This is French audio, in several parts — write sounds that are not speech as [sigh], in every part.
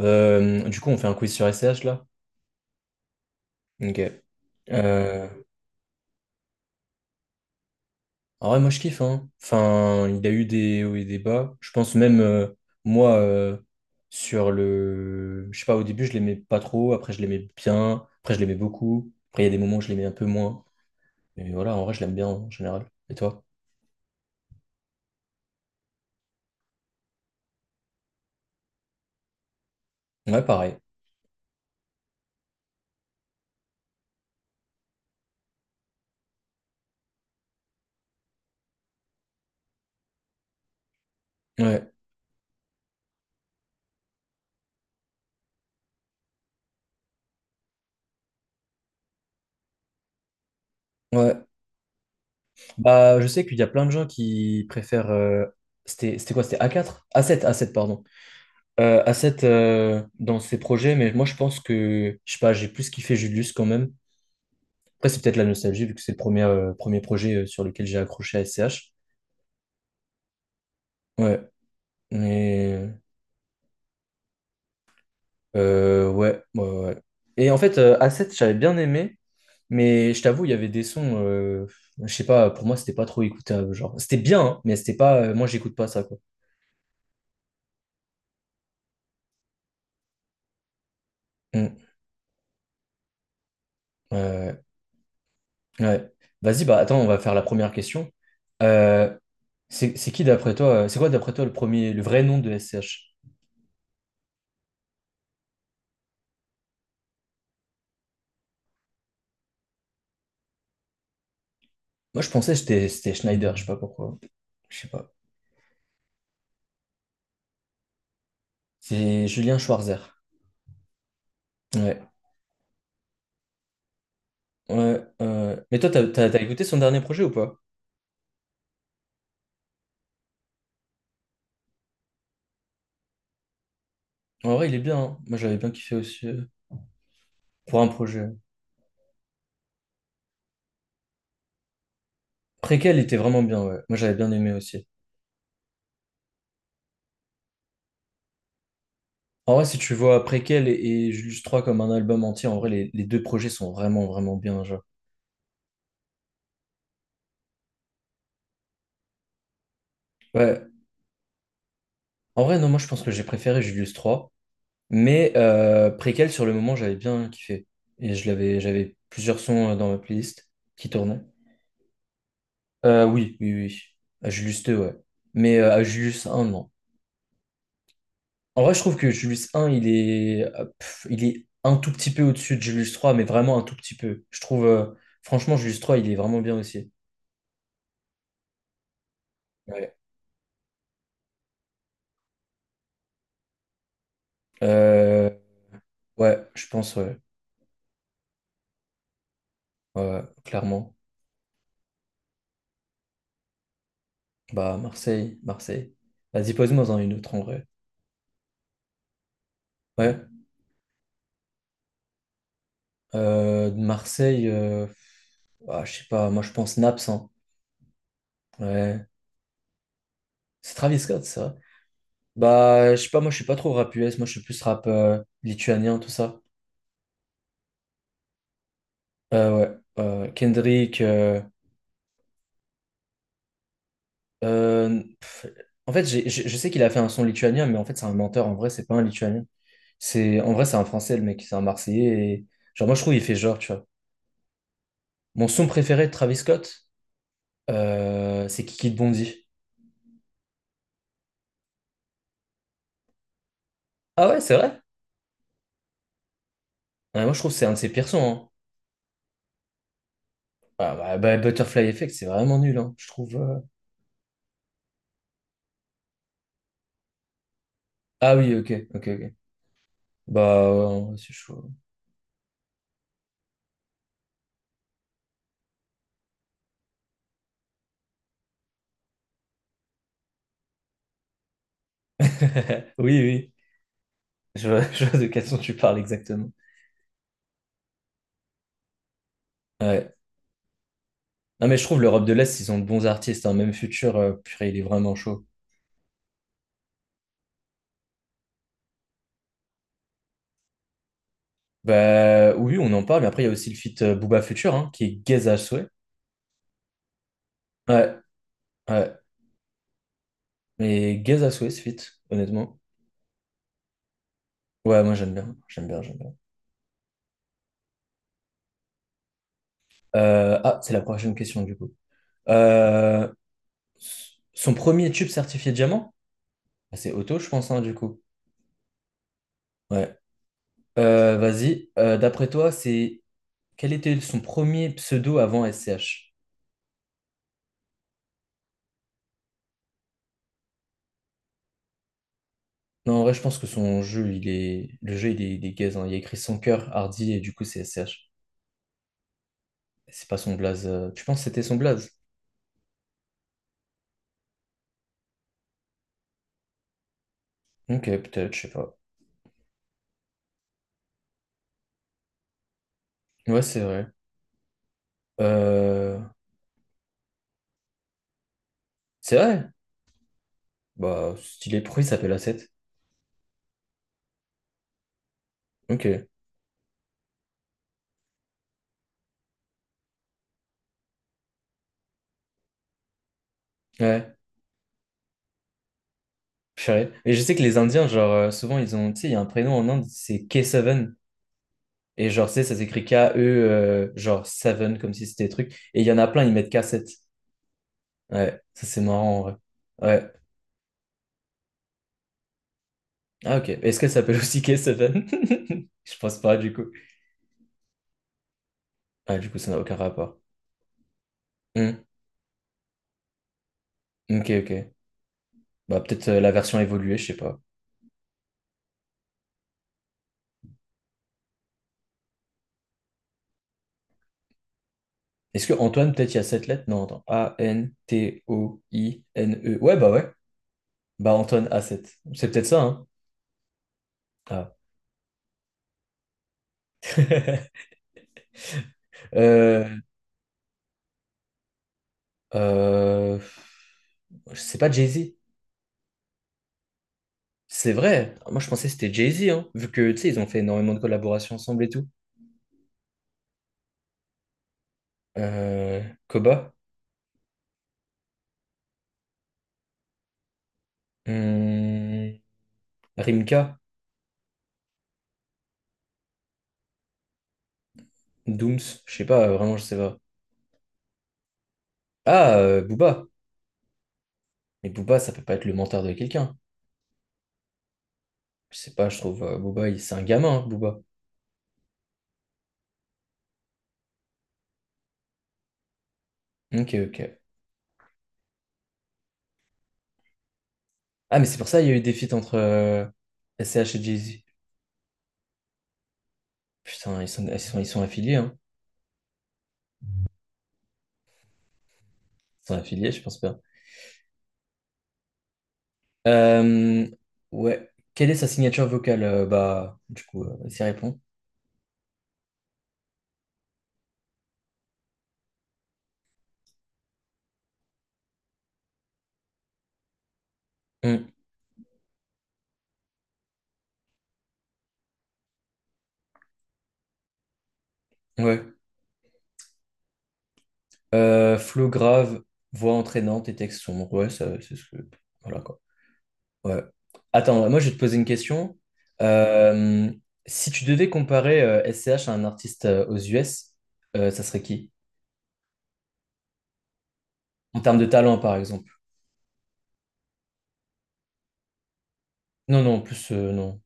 Du coup, on fait un quiz sur S C H là? Ok. Euh, En vrai, moi je kiffe, hein. Enfin, il y a eu des hauts et des bas. Je pense même, moi, sur le. Je sais pas, au début je l'aimais pas trop, après je l'aimais bien, après je l'aimais beaucoup. Après, il y a des moments où je l'aimais un peu moins. Mais voilà, en vrai, je l'aime bien en général. Et toi? Ouais, pareil. Ouais. Ouais. Bah, je sais qu'il y a plein de gens qui préfèrent. C'était c'était quoi? C'était A4, A7, A7 pardon. À cette, dans ces projets, mais moi je pense que, je sais pas, j'ai plus kiffé Julius quand même. Après, c'est peut-être la nostalgie, vu que c'est le premier projet sur lequel j'ai accroché à SCH. Ouais, mais ouais, ouais, ouais. Ouais. Et en fait, A7, j'avais bien aimé, mais je t'avoue, il y avait des sons, je sais pas, pour moi, c'était pas trop écoutable. Genre, c'était bien, hein, mais c'était pas, moi, j'écoute pas ça, quoi. Mm. Ouais, ouais. Ouais. Ouais. Vas-y, bah attends, on va faire la première question. Euh, c'est qui d'après toi, c'est quoi d'après toi le premier, le vrai nom de SCH? Moi, je pensais que c'était Schneider, je sais pas pourquoi. Je sais pas. C'est Julien Schwarzer. Ouais. Ouais. Mais toi, t'as écouté son dernier projet ou pas? En vrai, il est bien, hein. Moi, j'avais bien kiffé aussi, pour un projet. Préquel était vraiment bien, ouais. Moi, j'avais bien aimé aussi. En vrai, si tu vois Préquel et Julius 3 comme un album entier, en vrai, les deux projets sont vraiment, vraiment bien, genre. Ouais. En vrai, non, moi, je pense que j'ai préféré Julius 3. Mais Préquel, sur le moment, j'avais bien kiffé. Et j'avais plusieurs sons, dans ma playlist qui tournaient. Oui, oui, oui. À Julius 2, ouais. Mais à Julius 1, non. En vrai, je trouve que Julius 1, il est un tout petit peu au-dessus de Julius 3, mais vraiment un tout petit peu. Je trouve, franchement, Julius 3, il est vraiment bien aussi. Ouais, Euh, ouais, je pense, ouais. Ouais, ouais, clairement. Bah, Marseille, Marseille. Vas-y, pose-moi en une autre, en vrai. Ouais. De Marseille, ah, je sais pas, moi je pense Naps, hein. Ouais. C'est Travis Scott, ça. Bah, je sais pas, moi je suis pas trop rap US, moi je suis plus rap, lituanien, tout ça. Ouais, Kendrick. Euh, pff, En fait, je sais qu'il a fait un son lituanien, mais en fait, c'est un menteur. En vrai, c'est pas un lituanien. C'est, en vrai, c'est un français, le mec, c'est un Marseillais. Et. Genre, moi je trouve il fait genre, tu vois. Mon son préféré de Travis Scott, c'est Kiki de Bondy. Ah ouais, c'est vrai? Ouais, moi je trouve que c'est un de ses pires sons, hein. Ah, Butterfly Effect, c'est vraiment nul, hein, je trouve. Ah oui, ok, ok, ok. Bah, ouais, c'est chaud. [laughs] Oui, oui. Je vois de quelle son tu parles exactement. Ouais. Non, mais je trouve l'Europe de l'Est, ils ont de bons artistes. Hein. Même Future, purée, il est vraiment chaud. Bah, oui, on en parle. Mais après, il y a aussi le feat, Booba Future, hein, qui est gaze à souhait. Ouais, ouais. Mais gaze à souhait, ce feat, honnêtement. Ouais, moi, j'aime bien. J'aime bien, j'aime bien. Ah, c'est la prochaine question, du coup. Euh, Son premier tube certifié diamant? Ah, c'est auto, je pense, hein, du coup. Ouais. Vas-y. D'après toi, c'est quel était son premier pseudo avant SCH? Non, en vrai, je pense que son jeu, il est. Le jeu, il est gaze, hein. Il a écrit son cœur, Hardy, et du coup, c'est SCH. C'est pas son blaze. Tu penses que c'était son blaze? Ok, peut-être, je sais pas. Ouais, c'est vrai. Euh, C'est vrai? Bah, stylé. Pourquoi il s'appelle A7? Ok. Ouais, je savais. Et je sais que les Indiens, genre, souvent, ils ont. Tu sais, il y a un prénom en Inde, c'est K7. Et genre, tu sais, ça s'écrit K-E, genre 7, comme si c'était truc. Et il y en a plein, ils mettent K7. Ouais, ça c'est marrant en vrai. Ouais. Ah, ok. Est-ce qu'elle s'appelle aussi K7? [laughs] Je pense pas, du coup. Ah, du coup, ça n'a aucun rapport. Hmm. Ok, ok. Bah, peut-être, la version évoluée, je sais pas. Est-ce que Antoine, peut-être il y a sept lettres? Non, attends. A-N-T-O-I-N-E. Ouais. Bah, Antoine a sept, c'est peut-être ça, hein? Ah. [laughs] Euh, euh, je sais pas, Jay-Z. C'est vrai. Moi, je pensais que c'était Jay-Z, hein, vu que, tu sais, ils ont fait énormément de collaborations ensemble et tout. Euh, Koba, hum, Rimka, Dooms, je sais pas, vraiment, je sais pas. Ah, Booba. Mais Booba, ça peut pas être le menteur de quelqu'un. Je sais pas, je trouve, Booba, c'est un gamin, hein, Booba. Ok, ok. Ah, mais c'est pour ça qu'il y a eu des feats entre, S C H et Jay-Z. Putain, ils sont affiliés, hein. Ils sont affiliés, je pense bien. Euh, ouais. Quelle est sa signature vocale? Bah, du coup, s'y répond. Hum, ouais. Flow grave, voix entraînante et texte sombre. Ouais, ça, c'est ce que. Voilà quoi. Ouais. Attends, moi je vais te poser une question. Euh, Si tu devais comparer, S C H à un artiste, aux US, ça serait qui? En termes de talent, par exemple. Non, non, en plus, non.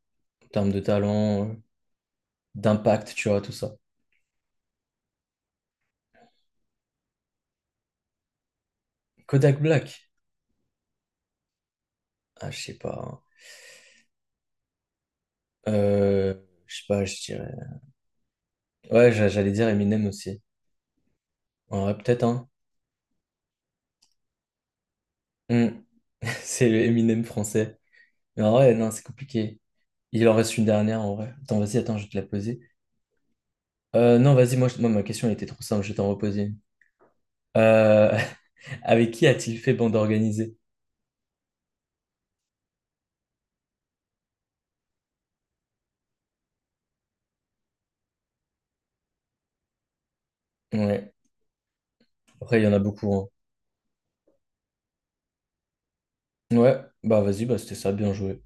En termes de talent, d'impact, tu vois, tout ça. Kodak Black? Ah, je sais pas, hein. Je sais pas, je dirais. Ouais, j'allais dire Eminem aussi. Ouais, peut-être, hein. Hmm. [laughs] C'est le Eminem français. Mais en vrai, non, c'est compliqué. Il en reste une dernière en vrai. Attends, vas-y, attends, je vais te la poser. Non, vas-y, moi, moi, ma question elle était trop simple, je vais t'en reposer une. Euh, [laughs] Avec qui a-t-il fait bande organisée? Ouais, après, il y en a beaucoup, hein. Ouais, bah vas-y, bah c'était ça, bien joué.